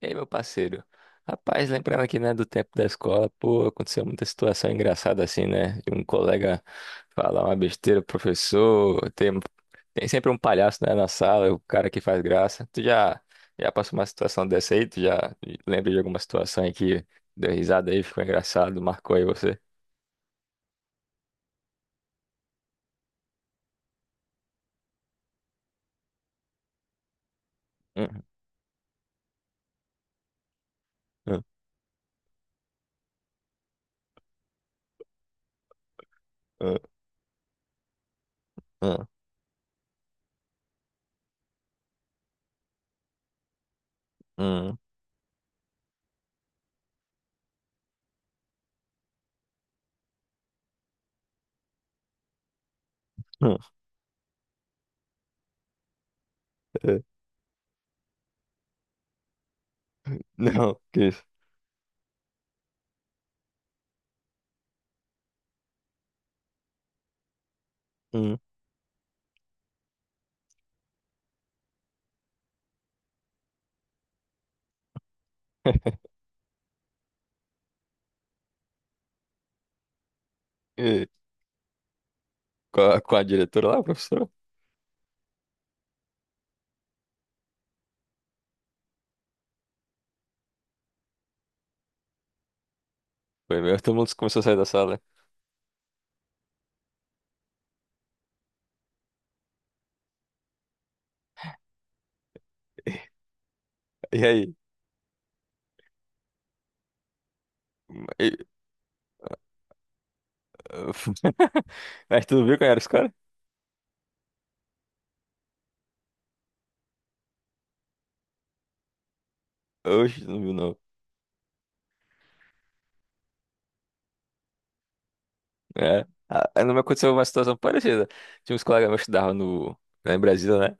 Ei, meu parceiro. Rapaz, lembrando aqui, né, do tempo da escola, pô, aconteceu muita situação engraçada assim, né? De um colega falar uma besteira, pro professor, tem sempre um palhaço, né, na sala, o cara que faz graça. Tu já passou uma situação dessa aí? Tu já lembra de alguma situação aí que deu risada aí, ficou engraçado, marcou aí você? Hum, hum, hum, hum, hum, hum, eh, não, que isso? Hum. Eh, com a diretora lá, professor. Foi mesmo, todo mundo começou a sair da sala. Né? E aí? Mas tu viu quem era esse cara? Hoje não viu, não. É. Ah, aí não me aconteceu uma situação parecida. Tinha uns colegas meus que estudavam no, lá em Brasília, né?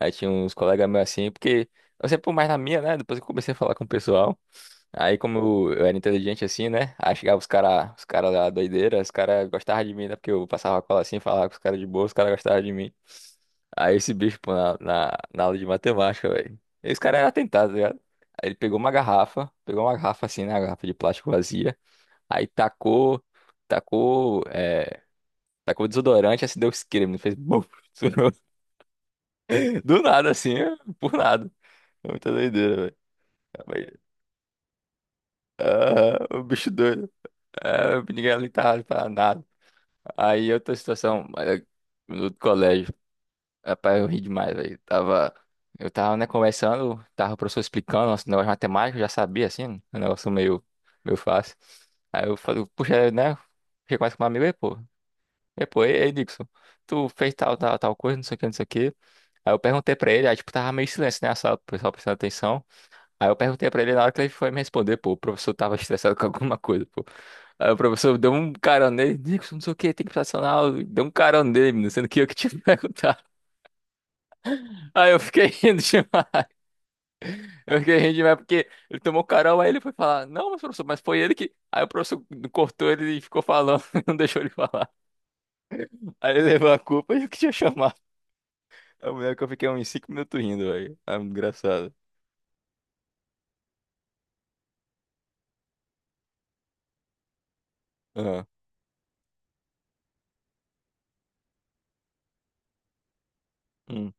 Aí tinha uns colegas meus assim, porque eu sempre fui mais na minha, né? Depois que eu comecei a falar com o pessoal. Aí, como eu era inteligente assim, né? Aí chegava os caras da doideira, os caras gostavam de mim, né? Porque eu passava a cola assim, falava com os caras de boa, os caras gostavam de mim. Aí esse bicho, pô, na aula de matemática, velho. Esse cara era atentado, tá ligado? Aí ele pegou uma garrafa assim, né? Uma garrafa de plástico vazia. Aí tacou, é, tacou desodorante, assim deu creme, fez buf, estourou. Do nada assim, por nada. É muita doideira, velho. Mas, ah, o bicho doido. Ah, ninguém ali tava pra nada. Aí outra situação, no outro colégio. Rapaz, eu ri demais, velho. Eu tava, né, conversando, tava o professor explicando nosso negócio de matemática, eu já sabia, assim, um negócio meio fácil. Aí eu falei, puxa, né, fiquei mais com um amigo aí, pô. É, pô, ei, Dixon, tu fez tal, tal, tal coisa, não sei o que, não sei o que. Aí eu perguntei pra ele, aí tipo, tava meio silêncio, né, a sala, o pessoal prestando atenção. Aí eu perguntei pra ele, na hora que ele foi me responder, pô, o professor tava estressado com alguma coisa, pô. Aí o professor deu um carão nele, Dixon, não sei o que, tem que prestar na aula, deu um carão nele, menino, sendo que eu que tinha que perguntar. Aí eu fiquei rindo demais, eu fiquei rindo demais porque ele tomou carão, aí ele foi falar, não, mas professor, mas foi ele que... Aí o professor cortou ele e ficou falando, não deixou ele falar. Aí ele levou a culpa e eu que tinha chamado. Eu lembro que eu fiquei uns 5 minutos rindo, velho. É muito engraçado. Ah, hum.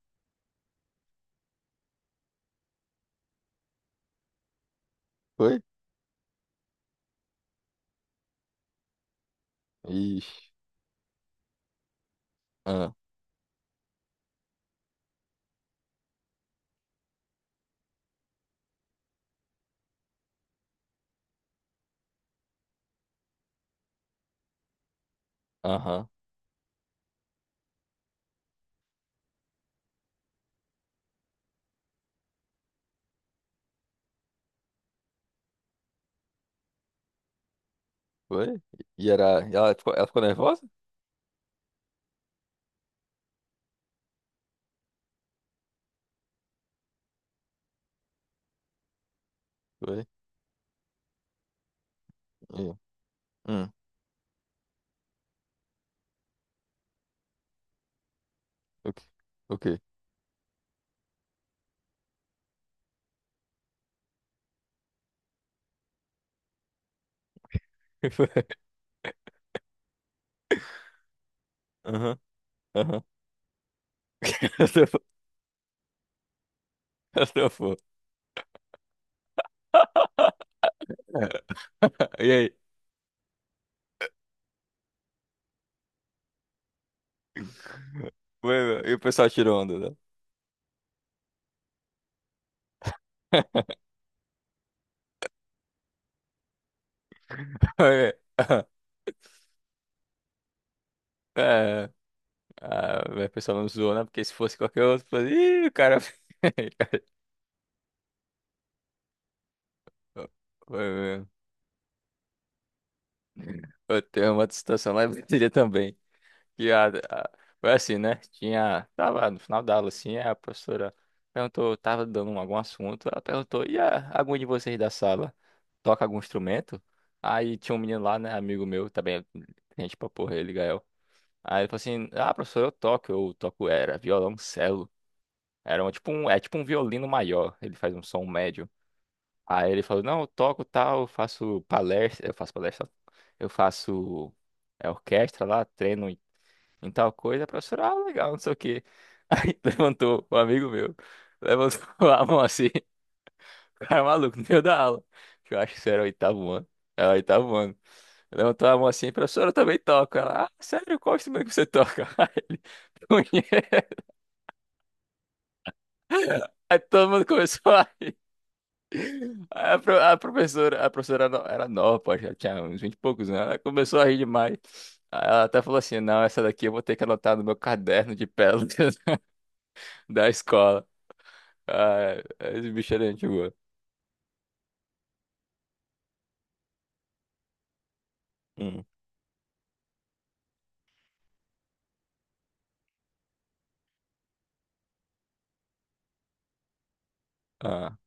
Foi? Ixi. Ah, aham. Foi? E era. E Ela ficou nervosa? Foi? E- Hum. O quê? O quê? Foi. Aham. Aham. Eu tô. E aí? Foi, meu. E o pessoal tirou onda, né? Foi. Ah, é. É. Ah, o pessoal não zoou, né? Porque se fosse qualquer outro, falei, ih, o cara. Foi mesmo. Eu tenho uma situação lá em Brasília também. que a, a- Foi assim, né? Tava no final da aula, assim, a professora perguntou, tava dando algum assunto, ela perguntou, algum de vocês da sala toca algum instrumento? Aí tinha um menino lá, né, amigo meu, também, gente pra porra, ele, Gael. Aí ele falou assim, ah, professor, eu toco, era violoncelo, era um, tipo um, é tipo um violino maior, ele faz um som médio. Aí ele falou, não, eu toco tal, eu faço palestra, eu faço é orquestra lá, treino em tal coisa, a professora, ah, legal, não sei o quê. Aí levantou um amigo meu, levantou a mão assim, o cara é maluco, no meio da aula. Que Eu acho que isso era o oitavo ano. É o oitavo ano. Levantou a mão assim, professora, eu também toco. Ela, ah, sério, qual instrumento que você toca? Aí ele, "Punheta." Aí todo mundo começou a rir. Aí a professora era nova, pô, já tinha uns 20 e poucos anos. Ela começou a rir demais. Aí ela até falou assim: não, essa daqui eu vou ter que anotar no meu caderno de pérolas da escola. Ah, esse bicho é gente boa. Hum, Ah,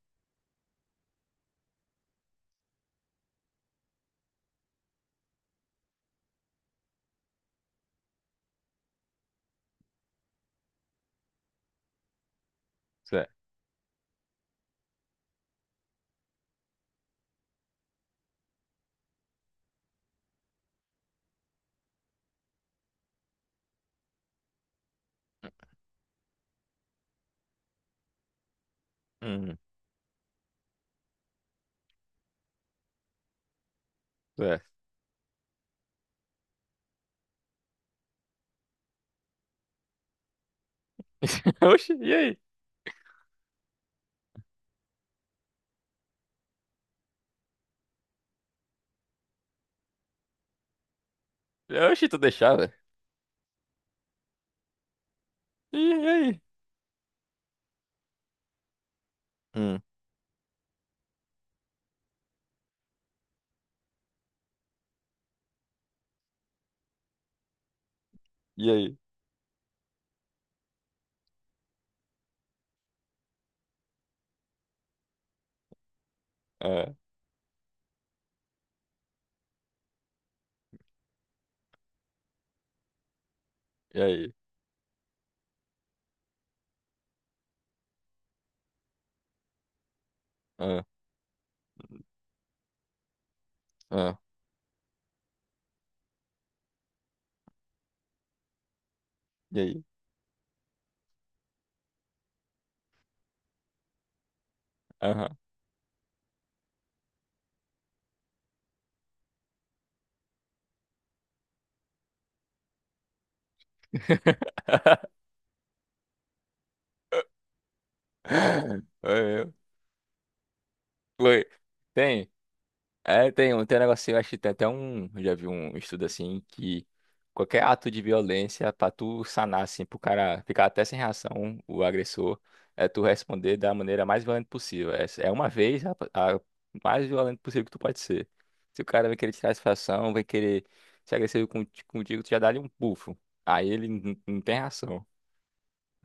certo, hum, certo. Oxi, e aí? Oxi, tu deixava? E aí? Hum. E aí? Ah, e aí? Ah, ah, e aí? Aham. Oi, oi. Tem? É, tem, tem um negocinho, acho que tem até um. Eu já vi um estudo assim que qualquer ato de violência, pra tu sanar, assim, pro cara ficar até sem reação, o agressor, é tu responder da maneira mais violenta possível. É uma vez a mais violenta possível que tu pode ser. Se o cara vai querer tirar satisfação, vai querer ser agressivo contigo, tu já dá-lhe um bufo. Aí ele não tem reação.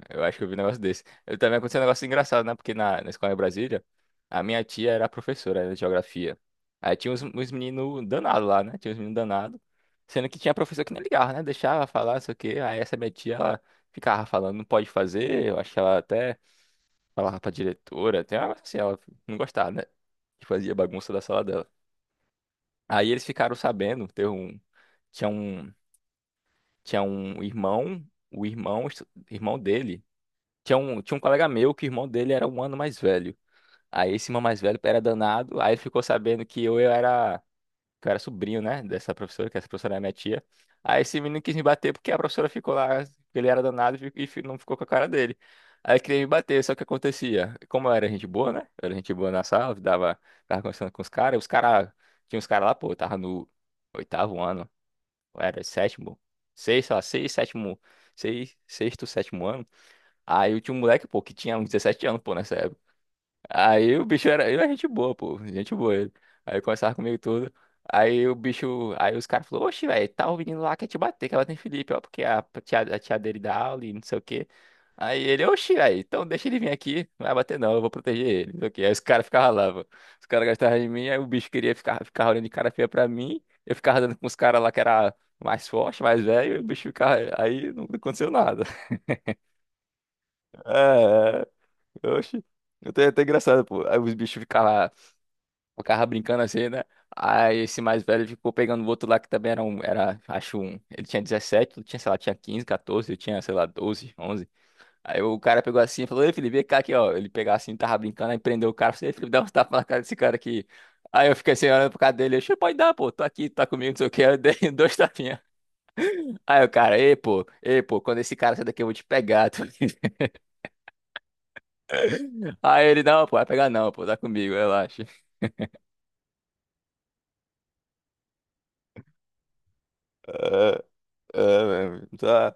Eu acho que eu vi um negócio desse. Eu também aconteceu um negócio engraçado, né? Porque na escola em Brasília, a minha tia era professora, era de geografia. Aí tinha uns meninos danados lá, né? Tinha uns meninos danados. Sendo que tinha professor que nem ligava, né? Deixava falar, não sei o quê. Aí essa minha tia, ela ficava falando, não pode fazer. Eu acho que ela até falava pra diretora, até assim, ela não gostava, né? Que fazia bagunça da sala dela. Aí eles ficaram sabendo, teve um, tinha um, tinha um irmão, o irmão, irmão dele. Tinha um colega meu que o irmão dele era um ano mais velho. Aí esse irmão mais velho era danado. Aí ele ficou sabendo que que eu era sobrinho, né? Dessa professora, que essa professora era minha tia. Aí esse menino quis me bater porque a professora ficou lá, ele era danado não ficou com a cara dele. Aí queria me bater, só que acontecia. Como eu era gente boa, né? Eu era gente boa na sala, tava conversando com os caras. Os caras, tinha uns caras lá, pô, eu tava no oitavo ano, eu era sétimo, seis, sei lá, seis, sétimo, seis, sexto, sétimo ano. Aí eu tinha um moleque, pô, que tinha uns 17 anos, pô, nessa época. Aí o bicho era. Ele era gente boa, pô. Gente boa ele. Aí conversava comigo tudo. Aí o bicho. Aí os caras falaram, oxe, velho, tá o menino lá quer te bater, que ela tem Felipe, ó, porque a tia dele dá aula e não sei o quê. Aí ele, oxe, velho, então deixa ele vir aqui, não vai bater não, eu vou proteger ele. Não sei o quê. Aí os caras ficavam lá, pô. Os caras gastavam de mim, aí o bicho queria ficar olhando de cara feia pra mim. Eu ficava dando com os caras lá que era mais forte, mais velho, e o bicho ficava. Aí não aconteceu nada. É, oxi. Até engraçado, pô. Aí os bichos ficavam brincando assim, né? Aí esse mais velho ficou pegando o outro lá que também era um, era, acho um. Ele tinha 17, eu tinha, sei lá, tinha 15, 14, eu tinha, sei lá, 12, 11. Aí o cara pegou assim e falou, ei, Felipe, vem cá aqui, ó. Ele pegava assim, tava brincando, aí prendeu o cara, falou, ei, Felipe, dá uns tapas na cara desse cara aqui. Aí eu fiquei assim, olhando pro cara dele, eu, "Xê, pode dar, pô, tô aqui, tá comigo, não sei o que, eu dei dois tapinhas. Aí o cara, ei, pô, quando esse cara sair daqui eu vou te pegar, tu." Aí ele, não, pô, vai pegar não, pô, tá comigo, relaxa. Ah, tá.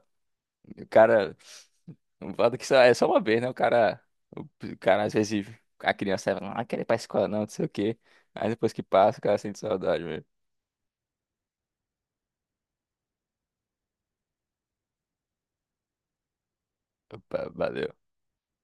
O cara. Não fala que só, é só uma vez, né? O cara. O cara, às vezes, a criança fala, ah, quer ir pra escola, não, não sei o quê. Aí depois que passa, o cara sente saudade mesmo. Opa, valeu.